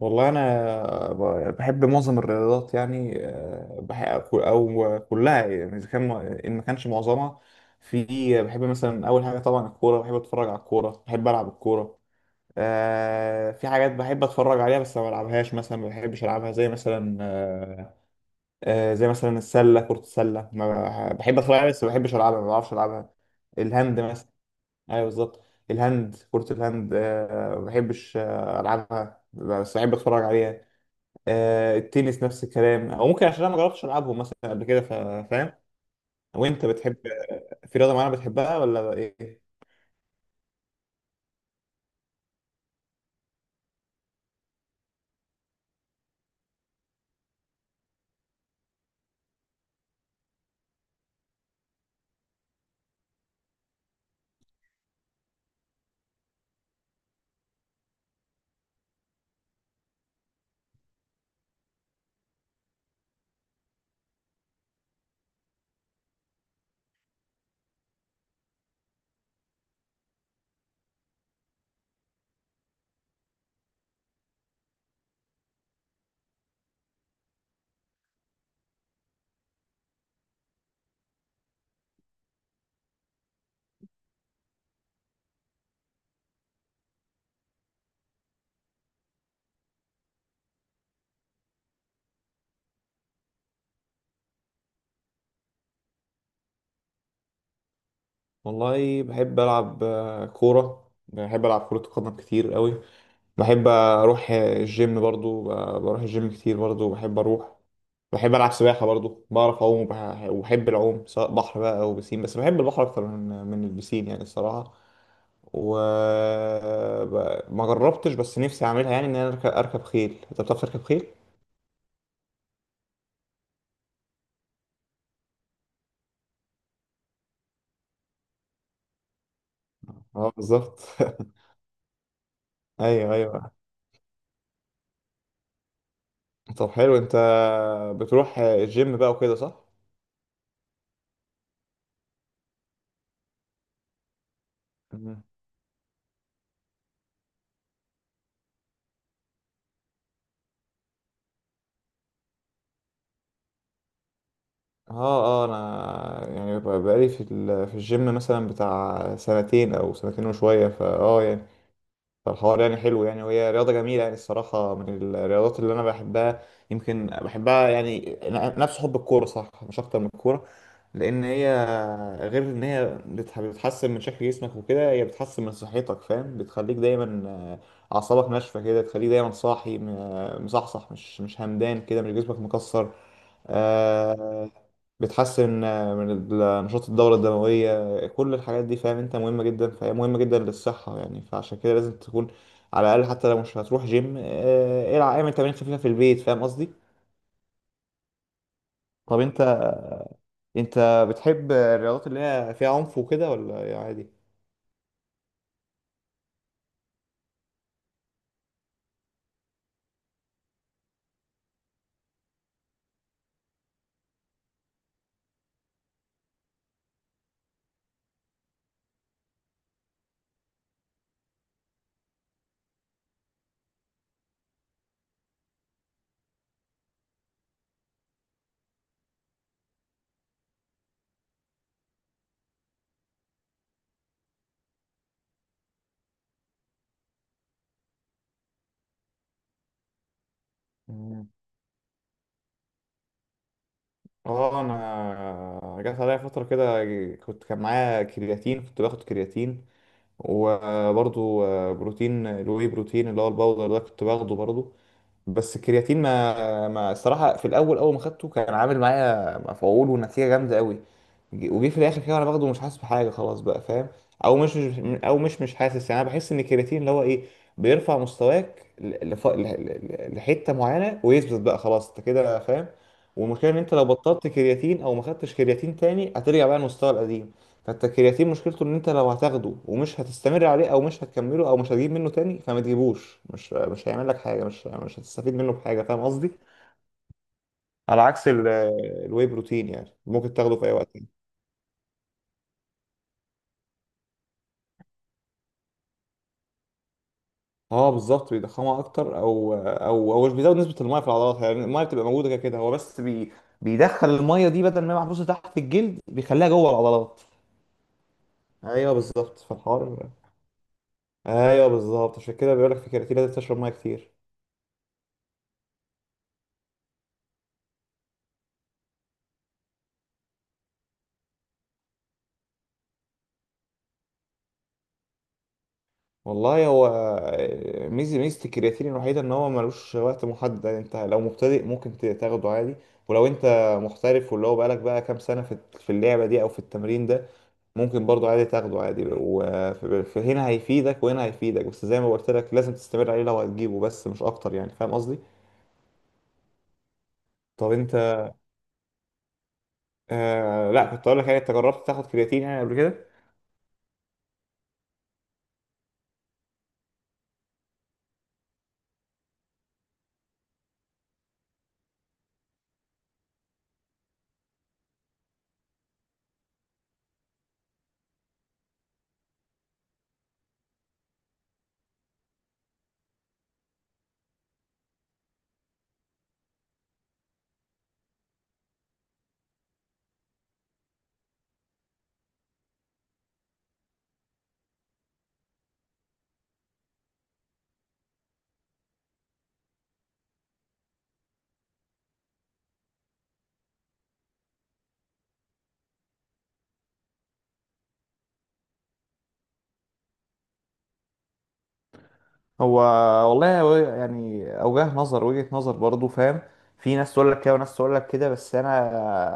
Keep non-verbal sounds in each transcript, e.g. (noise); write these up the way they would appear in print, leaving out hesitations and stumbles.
والله انا بحب معظم الرياضات، يعني بحب او كلها، يعني اذا كان، ان ما كانش معظمها. في، بحب مثلا اول حاجه طبعا الكوره، بحب اتفرج على الكوره، بحب العب الكوره. في حاجات بحب اتفرج عليها بس ما بلعبهاش، مثلا ما بحبش العبها، زي مثلا زي مثلا السله، كره السله، ما بح- بحب اتفرج عليها بس ما بحبش العبها، ما بعرفش العبها. الهاند مثلا. ايوه بالظبط. الهاند، كره الهاند، ما بحبش العبها بس بحب اتفرج عليها. التنس نفس الكلام، او ممكن عشان انا ما جربتش العبهم مثلا قبل كده. فاهم. وانت بتحب، في رياضه معينه بتحبها ولا ايه؟ والله بحب العب كوره، بحب العب كره قدم كتير قوي. بحب اروح الجيم برضو، بروح الجيم كتير، برضو بحب اروح. بحب العب سباحه برضو، بعرف اعوم وبحب العوم، سواء بحر بقى او بسين، بس بحب البحر اكتر من البسين يعني الصراحه. وما جربتش، بس نفسي اعملها، يعني ان انا اركب، أركب خيل. انت بتعرف تركب خيل؟ اه بالظبط. (laughs) ايوه ايوه. طب حلو، انت بتروح الجيم بقى وكده صح؟ مم. اه اه، انا يعني، بقالي في في الجيم مثلا بتاع سنتين او سنتين وشويه. يعني، فالحوار يعني حلو يعني، وهي رياضة جميلة يعني الصراحة، من الرياضات اللي أنا بحبها. يمكن بحبها يعني نفس حب الكورة، صح مش أكتر من الكورة. لأن هي، غير إن هي بتحسن من شكل جسمك وكده، هي بتحسن من صحتك، فاهم؟ بتخليك دايما أعصابك ناشفة كده، تخليك دايما صاحي، مصحصح، مش همدان كده، مش جسمك مكسر. آه، بتحسن من نشاط الدورة الدموية، كل الحاجات دي فاهم انت، مهمة جدا، فهي مهمة جدا للصحة يعني، فعشان كده لازم تكون على الأقل، حتى لو مش هتروح جيم العب، اعمل تمارين خفيفة في البيت. فاهم قصدي؟ طب انت، انت بتحب الرياضات اللي هي فيها عنف وكده، ولا إيه عادي؟ مم. اه، انا جات عليا فترة كده كنت، كان معايا كرياتين، كنت باخد كرياتين، وبرضو بروتين، الواي بروتين اللي هو الباودر ده، كنت باخده برضو. بس الكرياتين ما الصراحه في الاول، اول ما خدته كان عامل معايا مفعول ونتيجه جامده قوي. وجي في الاخر كده وانا باخده مش حاسس بحاجه خلاص بقى، فاهم؟ او مش حاسس، يعني انا بحس ان الكرياتين اللي هو ايه، بيرفع مستواك لحته معينه ويثبت بقى خلاص انت كده، فاهم؟ والمشكله ان انت لو بطلت كرياتين او ما خدتش كرياتين تاني هترجع بقى لمستوى القديم. فانت الكرياتين مشكلته ان انت لو هتاخده ومش هتستمر عليه او مش هتكمله او مش هتجيب منه تاني فما تجيبوش، مش هيعمل لك حاجه، مش هتستفيد منه بحاجه، فاهم قصدي؟ على عكس الواي بروتين، يعني ممكن تاخده في اي وقت. اه بالظبط، بيضخمها اكتر، او هو مش بيزود نسبه الميه في العضلات، يعني الميه بتبقى موجوده كده كده، هو بس بيدخل الميه دي، بدل ما هي محبوسه تحت الجلد بيخليها جوه العضلات. ايوه بالظبط، فالحوار. ايوه بالظبط، عشان كده بيقول لك في الكرياتين لازم تشرب ميه كتير. والله هو ميزة الكرياتين الوحيدة ان هو ملوش وقت محدد. يعني انت لو مبتدئ ممكن تاخده عادي، ولو انت محترف واللي هو بقالك بقى كام سنة في اللعبة دي او في التمرين ده، ممكن برضه عادي تاخده عادي وهنا هيفيدك وهنا هيفيدك، بس زي ما قلت لك لازم تستمر عليه لو هتجيبه بس مش اكتر يعني، فاهم قصدي؟ طب انت، آه لا كنت اقول لك يعني، انت جربت تاخد كرياتين يعني قبل كده؟ هو والله هو يعني اوجه نظر وجهة نظر برضو، فاهم. في ناس تقول لك كده وناس تقول لك كده، بس انا،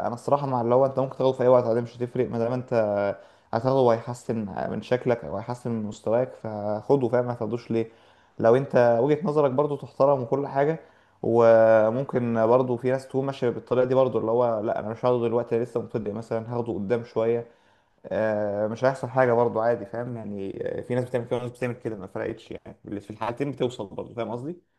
انا الصراحه مع اللي هو انت ممكن تاخده في اي وقت عادي مش هتفرق، ما دام انت هتاخده وهيحسن من شكلك او هيحسن من مستواك فخده، فاهم؟ ما تاخدوش ليه؟ لو انت وجهة نظرك برضو تحترم وكل حاجه، وممكن برضو في ناس تكون ماشيه بالطريقه دي برضو اللي هو لا انا مش هاخده دلوقتي، لسه مبتدئ مثلا هاخده قدام شويه، مش هيحصل حاجه برضو عادي، فاهم يعني؟ في ناس بتعمل كده وناس بتعمل كده ما فرقتش يعني، اللي في الحالتين بتوصل برضو، فاهم قصدي؟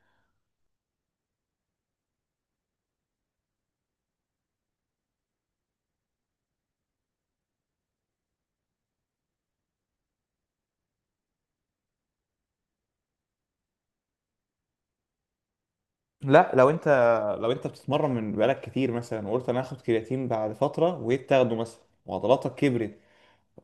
لا لو انت بتتمرن من بقالك كتير مثلا وقلت انا هاخد كرياتين بعد فتره، وجيت تاخده مثلا وعضلاتك كبرت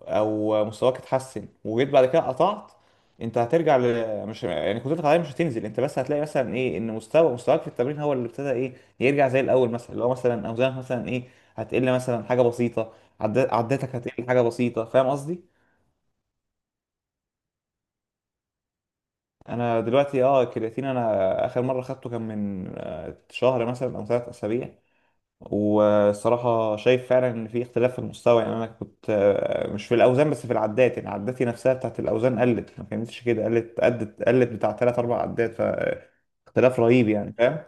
او مستواك اتحسن، وجيت بعد كده قطعت، انت هترجع ل...، مش يعني قدرتك العضليه مش هتنزل، انت بس هتلاقي مثلا ايه، ان مستواك في التمرين هو اللي ابتدى ايه، يرجع زي الاول، مثلا اللي هو مثلا اوزانك مثلا ايه هتقل مثلا حاجه بسيطه، عد... عداتك هتقل حاجه بسيطه، فاهم قصدي؟ انا دلوقتي اه الكرياتين، انا اخر مره خدته كان من شهر مثلا او ثلاث اسابيع، والصراحه شايف فعلا ان في اختلاف في المستوى. يعني انا كنت مش في الاوزان بس في العدات، يعني عداتي نفسها بتاعت الاوزان قلت، ما كانتش كده قلت، قدت قلت بتاع ثلاث اربع عدات، فاختلاف رهيب يعني فاهم؟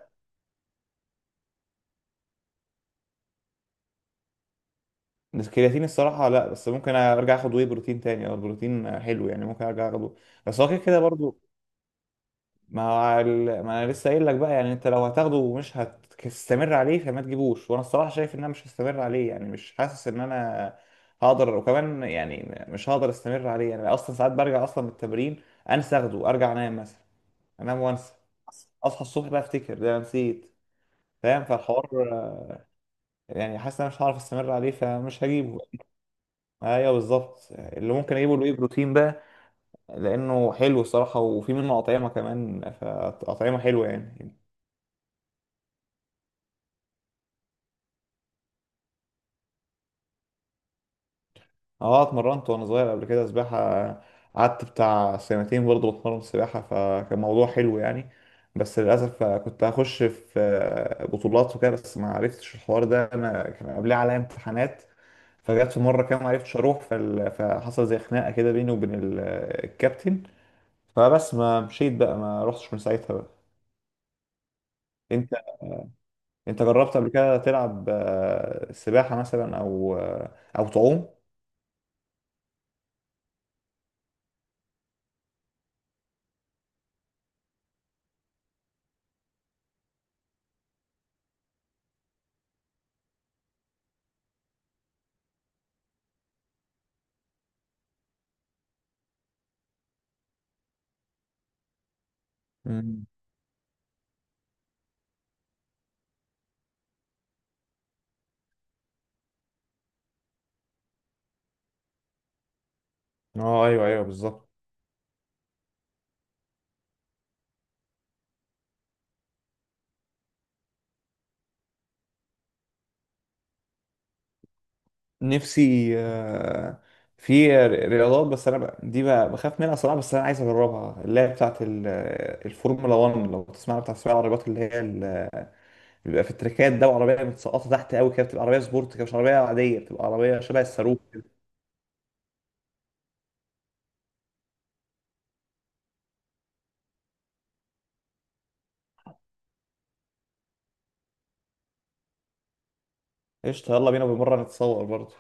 بس الكرياتين الصراحه لا، بس ممكن ارجع اخد واي بروتين تاني، او البروتين حلو يعني ممكن ارجع اخده بس هو كده كده برضو. ما، هو ما انا لسه قايل لك بقى يعني انت لو هتاخده ومش هتستمر عليه فما تجيبوش، وانا الصراحه شايف ان انا مش هستمر عليه، يعني مش حاسس ان انا هقدر، وكمان يعني مش هقدر استمر عليه يعني، اصلا ساعات برجع اصلا من التمرين انسى اخده، ارجع انام مثلا، انام وانسى، اصحى الصبح بقى افتكر، ده أنا نسيت، فاهم؟ فالحوار يعني حاسس ان انا مش هعرف استمر عليه فمش هجيبه. ايوه بالظبط، اللي ممكن اجيبه الواي بروتين بقى، لانه حلو الصراحه وفي منه اطعمه كمان، فاطعمه حلوه يعني. اه اتمرنت وانا صغير قبل كده سباحة، قعدت بتاع سنتين برضه بتمرن سباحة فكان موضوع حلو يعني. بس للأسف كنت هخش في بطولات وكده بس ما عرفتش الحوار ده، أنا كان قبليه عليا امتحانات، فجت في مرة كده ما عرفتش أروح، فحصل زي خناقة كده بيني وبين الكابتن، فبس ما مشيت بقى ما رحتش من ساعتها بقى. أنت، أنت جربت قبل كده تلعب سباحة مثلا، أو تعوم؟ مم. اه ايوه ايوه بالظبط. نفسي في رياضات، بس انا دي بخاف منها صراحه، بس انا عايز اجربها، اللي هي بتاعت الفورمولا 1، لو تسمع، بتاع سباق العربيات بيبقى في التراكات ده، وعربيه متسقطه تحت قوي كده، بتبقى عربيه سبورت كده مش عربيه عاديه، بتبقى عربيه شبه الصاروخ كده. قشطه يلا بينا، بمره نتصور برضه.